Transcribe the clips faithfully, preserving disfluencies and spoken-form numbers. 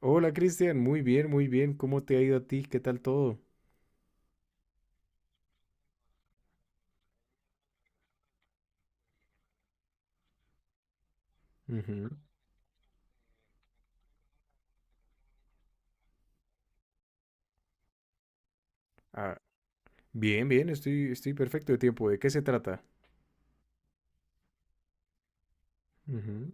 Hola Cristian, muy bien, muy bien. ¿Cómo te ha ido a ti? ¿Qué tal todo? Ujú. Ah, bien, bien, estoy, estoy perfecto de tiempo. ¿De qué se trata? Ujú.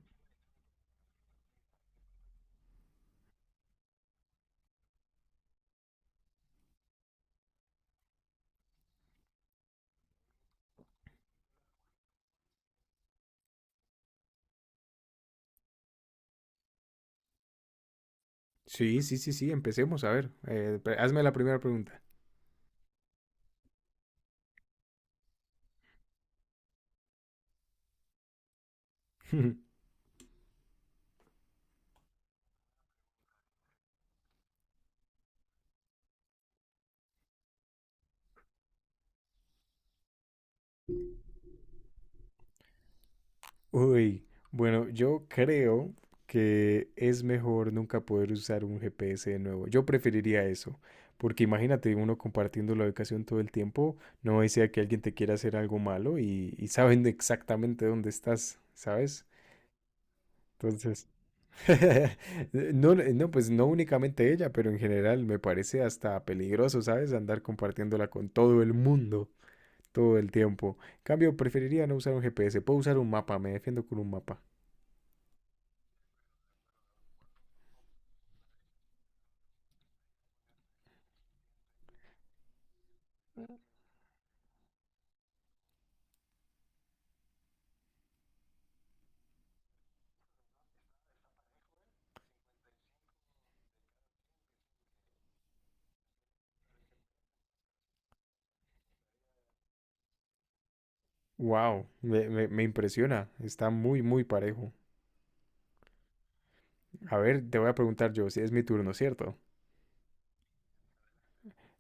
Sí, sí, sí, sí, empecemos. A ver, eh, pre- hazme la primera pregunta. Uy, bueno, yo creo que es mejor nunca poder usar un G P S de nuevo. Yo preferiría eso, porque imagínate uno compartiendo la ubicación todo el tiempo, no desea que alguien te quiera hacer algo malo y, y saben exactamente dónde estás, ¿sabes? Entonces, no, eh, no, pues no únicamente ella, pero en general me parece hasta peligroso, ¿sabes? Andar compartiéndola con todo el mundo todo el tiempo. En cambio, preferiría no usar un G P S, puedo usar un mapa, me defiendo con un mapa. Wow, me, me- me impresiona, está muy, muy parejo. A ver, te voy a preguntar yo, si es mi turno, ¿cierto?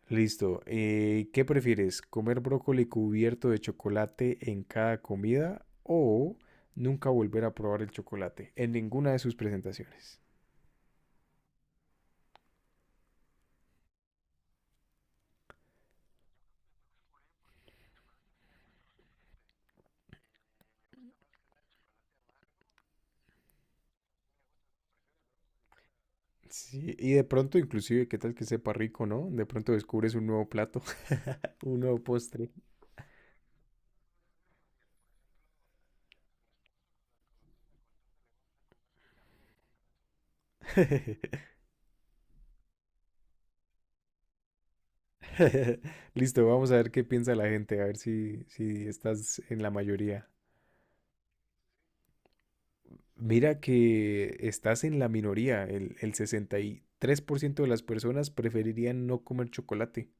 Listo, eh, ¿qué prefieres? ¿Comer brócoli cubierto de chocolate en cada comida o nunca volver a probar el chocolate en ninguna de sus presentaciones? Sí, y de pronto inclusive, ¿qué tal que sepa rico, no? De pronto descubres un nuevo plato, un nuevo postre. Listo, vamos a ver qué piensa la gente, a ver si, si estás en la mayoría. Mira que estás en la minoría, el, el sesenta y tres por ciento de las personas preferirían no comer chocolate.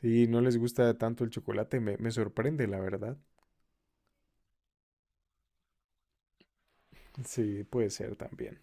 Sí, no les gusta tanto el chocolate, me, me sorprende, la verdad. Sí, puede ser también.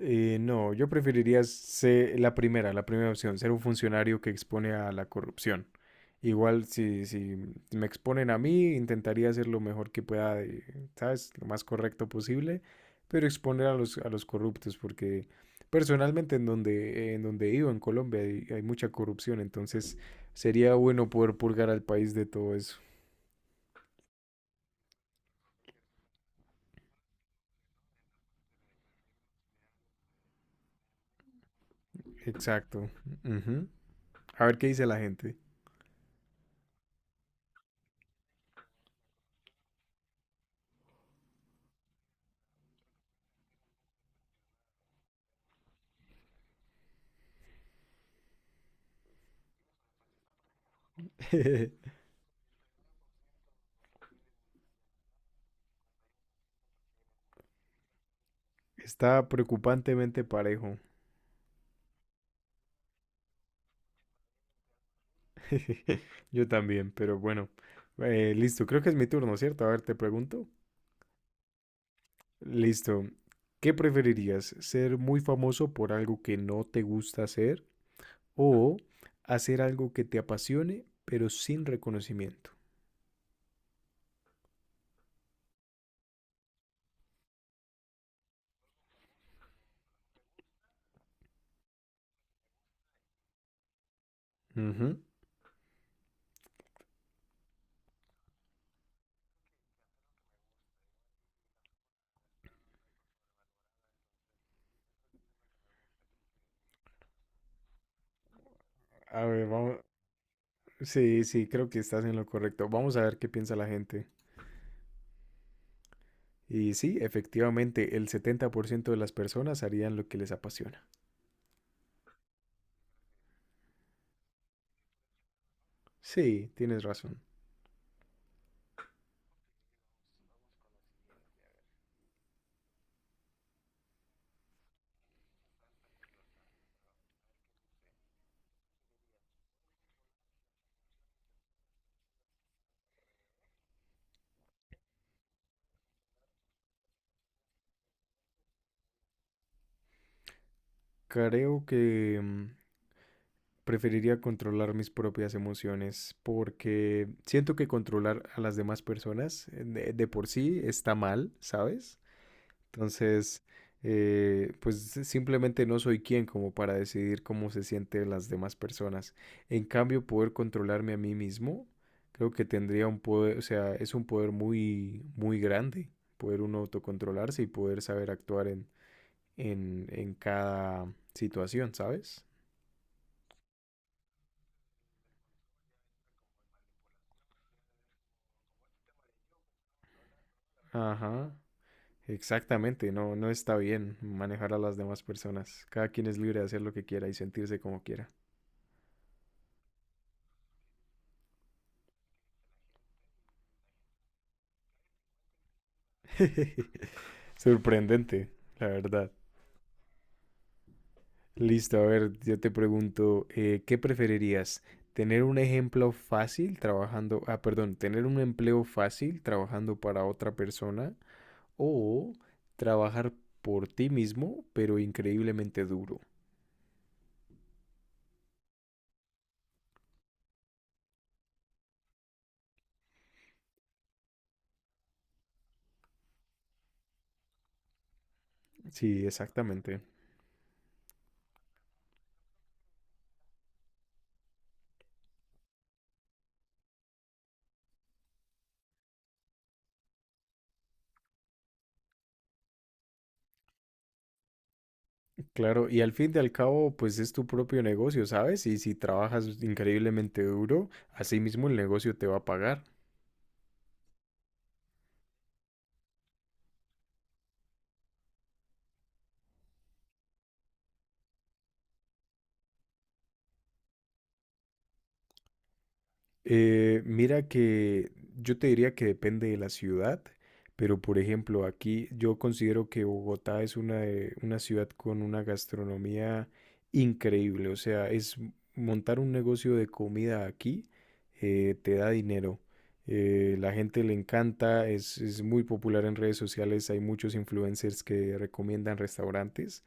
Eh, no, yo preferiría ser la primera, la primera opción, ser un funcionario que expone a la corrupción. Igual si, si me exponen a mí, intentaría hacer lo mejor que pueda, de, ¿sabes? Lo más correcto posible, pero exponer a los, a los corruptos, porque personalmente en donde, en donde vivo, en Colombia, hay, hay mucha corrupción, entonces sería bueno poder purgar al país de todo eso. Exacto. Ujú. A ver qué dice la gente. Está preocupantemente parejo. Yo también, pero bueno. Eh, listo, creo que es mi turno, ¿cierto? A ver, te pregunto. Listo. ¿Qué preferirías? ¿Ser muy famoso por algo que no te gusta hacer o hacer algo que te apasione, pero sin reconocimiento? Ujú. A ver, vamos. Sí, sí, creo que estás en lo correcto. Vamos a ver qué piensa la gente. Y sí, efectivamente, el setenta por ciento de las personas harían lo que les apasiona. Sí, tienes razón. Creo que mm, preferiría controlar mis propias emociones porque siento que controlar a las demás personas eh, de, de por sí está mal, ¿sabes? Entonces, eh, pues simplemente no soy quien como para decidir cómo se sienten las demás personas. En cambio, poder controlarme a mí mismo, creo que tendría un poder, o sea, es un poder muy, muy grande, poder uno autocontrolarse y poder saber actuar en, en, en cada situación, ¿sabes? Ajá. Exactamente, no, no está bien manejar a las demás personas. Cada quien es libre de hacer lo que quiera y sentirse como quiera. Sorprendente, la verdad. Listo, a ver, yo te pregunto, eh, ¿qué preferirías? ¿Tener un ejemplo fácil trabajando, ah, perdón, tener un empleo fácil trabajando para otra persona o trabajar por ti mismo, pero increíblemente duro? Sí, exactamente. Claro, y al fin y al cabo, pues es tu propio negocio, ¿sabes? Y si trabajas increíblemente duro, así mismo el negocio te va a pagar. Eh, mira que yo te diría que depende de la ciudad, pero por ejemplo, aquí yo considero que Bogotá es una, de- una ciudad con una gastronomía increíble. O sea, es montar un negocio de comida aquí, eh, te da dinero. Eh, la gente le encanta, es, es muy popular en redes sociales, hay muchos influencers que recomiendan restaurantes.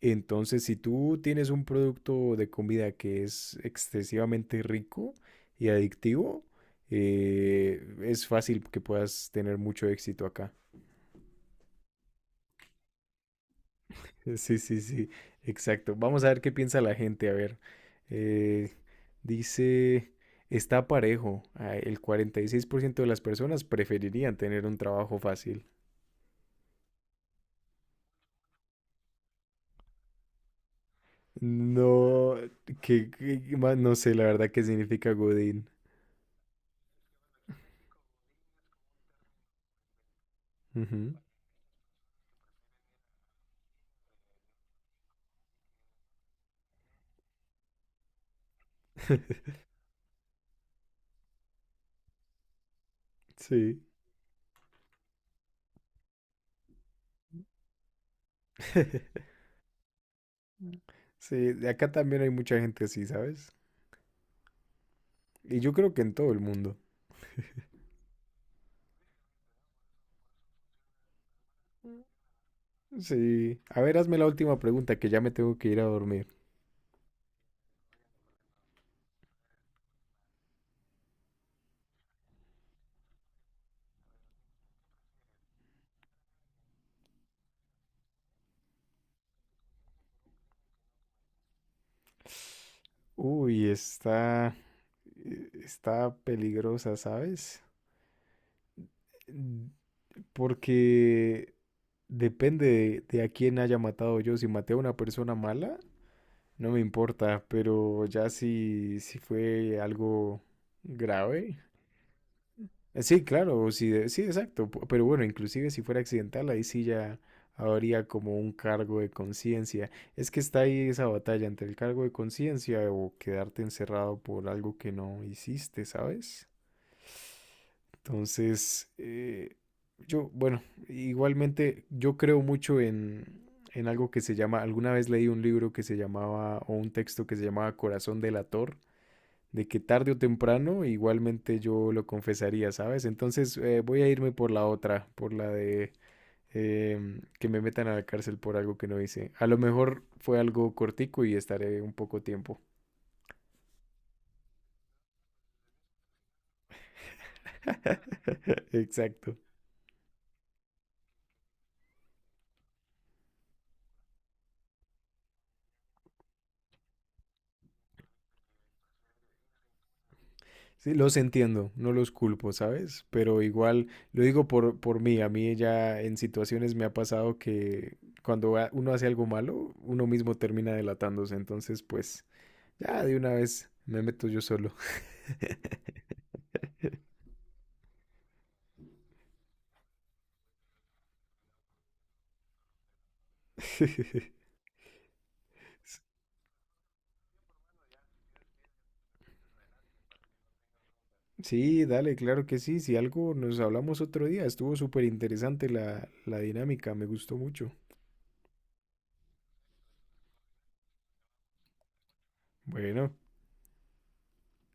Entonces, si tú tienes un producto de comida que es excesivamente rico y adictivo, eh, es fácil que puedas tener mucho éxito acá. Sí, sí, sí, exacto. Vamos a ver qué piensa la gente. A ver, Eh, dice, está parejo. Ah, el cuarenta y seis por ciento de las personas preferirían tener un trabajo fácil. No, que, que- ma- no sé la verdad qué significa Godín. Ujú. Sí. Sí, de acá también hay mucha gente así, ¿sabes? Y yo creo que en todo el mundo. Sí. A ver, hazme la última pregunta, que ya me tengo que ir a dormir. Uy, está... eh, está peligrosa, ¿sabes? Mm, Porque depende de a quién haya matado yo. Si maté a una persona mala, no me importa, pero ya si, si fue algo grave. Eh, Sí, claro, sí, de- sí, exacto. pu- Pero bueno, inclusive si fuera accidental, ahí sí ya habría como un cargo de conciencia. Es que está ahí esa batalla entre el cargo de conciencia o quedarte encerrado por algo que no hiciste, ¿sabes? Entonces, eh, yo, bueno, igualmente yo creo mucho en, en algo que se llama, alguna vez leí un libro que se llamaba, o un texto que se llamaba Corazón delator, de que tarde o temprano igualmente yo lo confesaría, ¿sabes? Entonces eh, voy a irme por la otra, por la de em, que me metan a la cárcel por algo que no hice. A lo mejor fue algo cortico y estaré un poco tiempo. Exacto. Sí, los entiendo, no los culpo, ¿sabes? Pero igual, lo digo por, por mí, a mí ya en situaciones me ha pasado que cuando a- uno hace algo malo, uno mismo termina delatándose, entonces pues ya de una vez me meto yo solo. Sí, dale, claro que sí. Si algo nos hablamos otro día, estuvo súper interesante la, la dinámica, me gustó mucho. Bueno.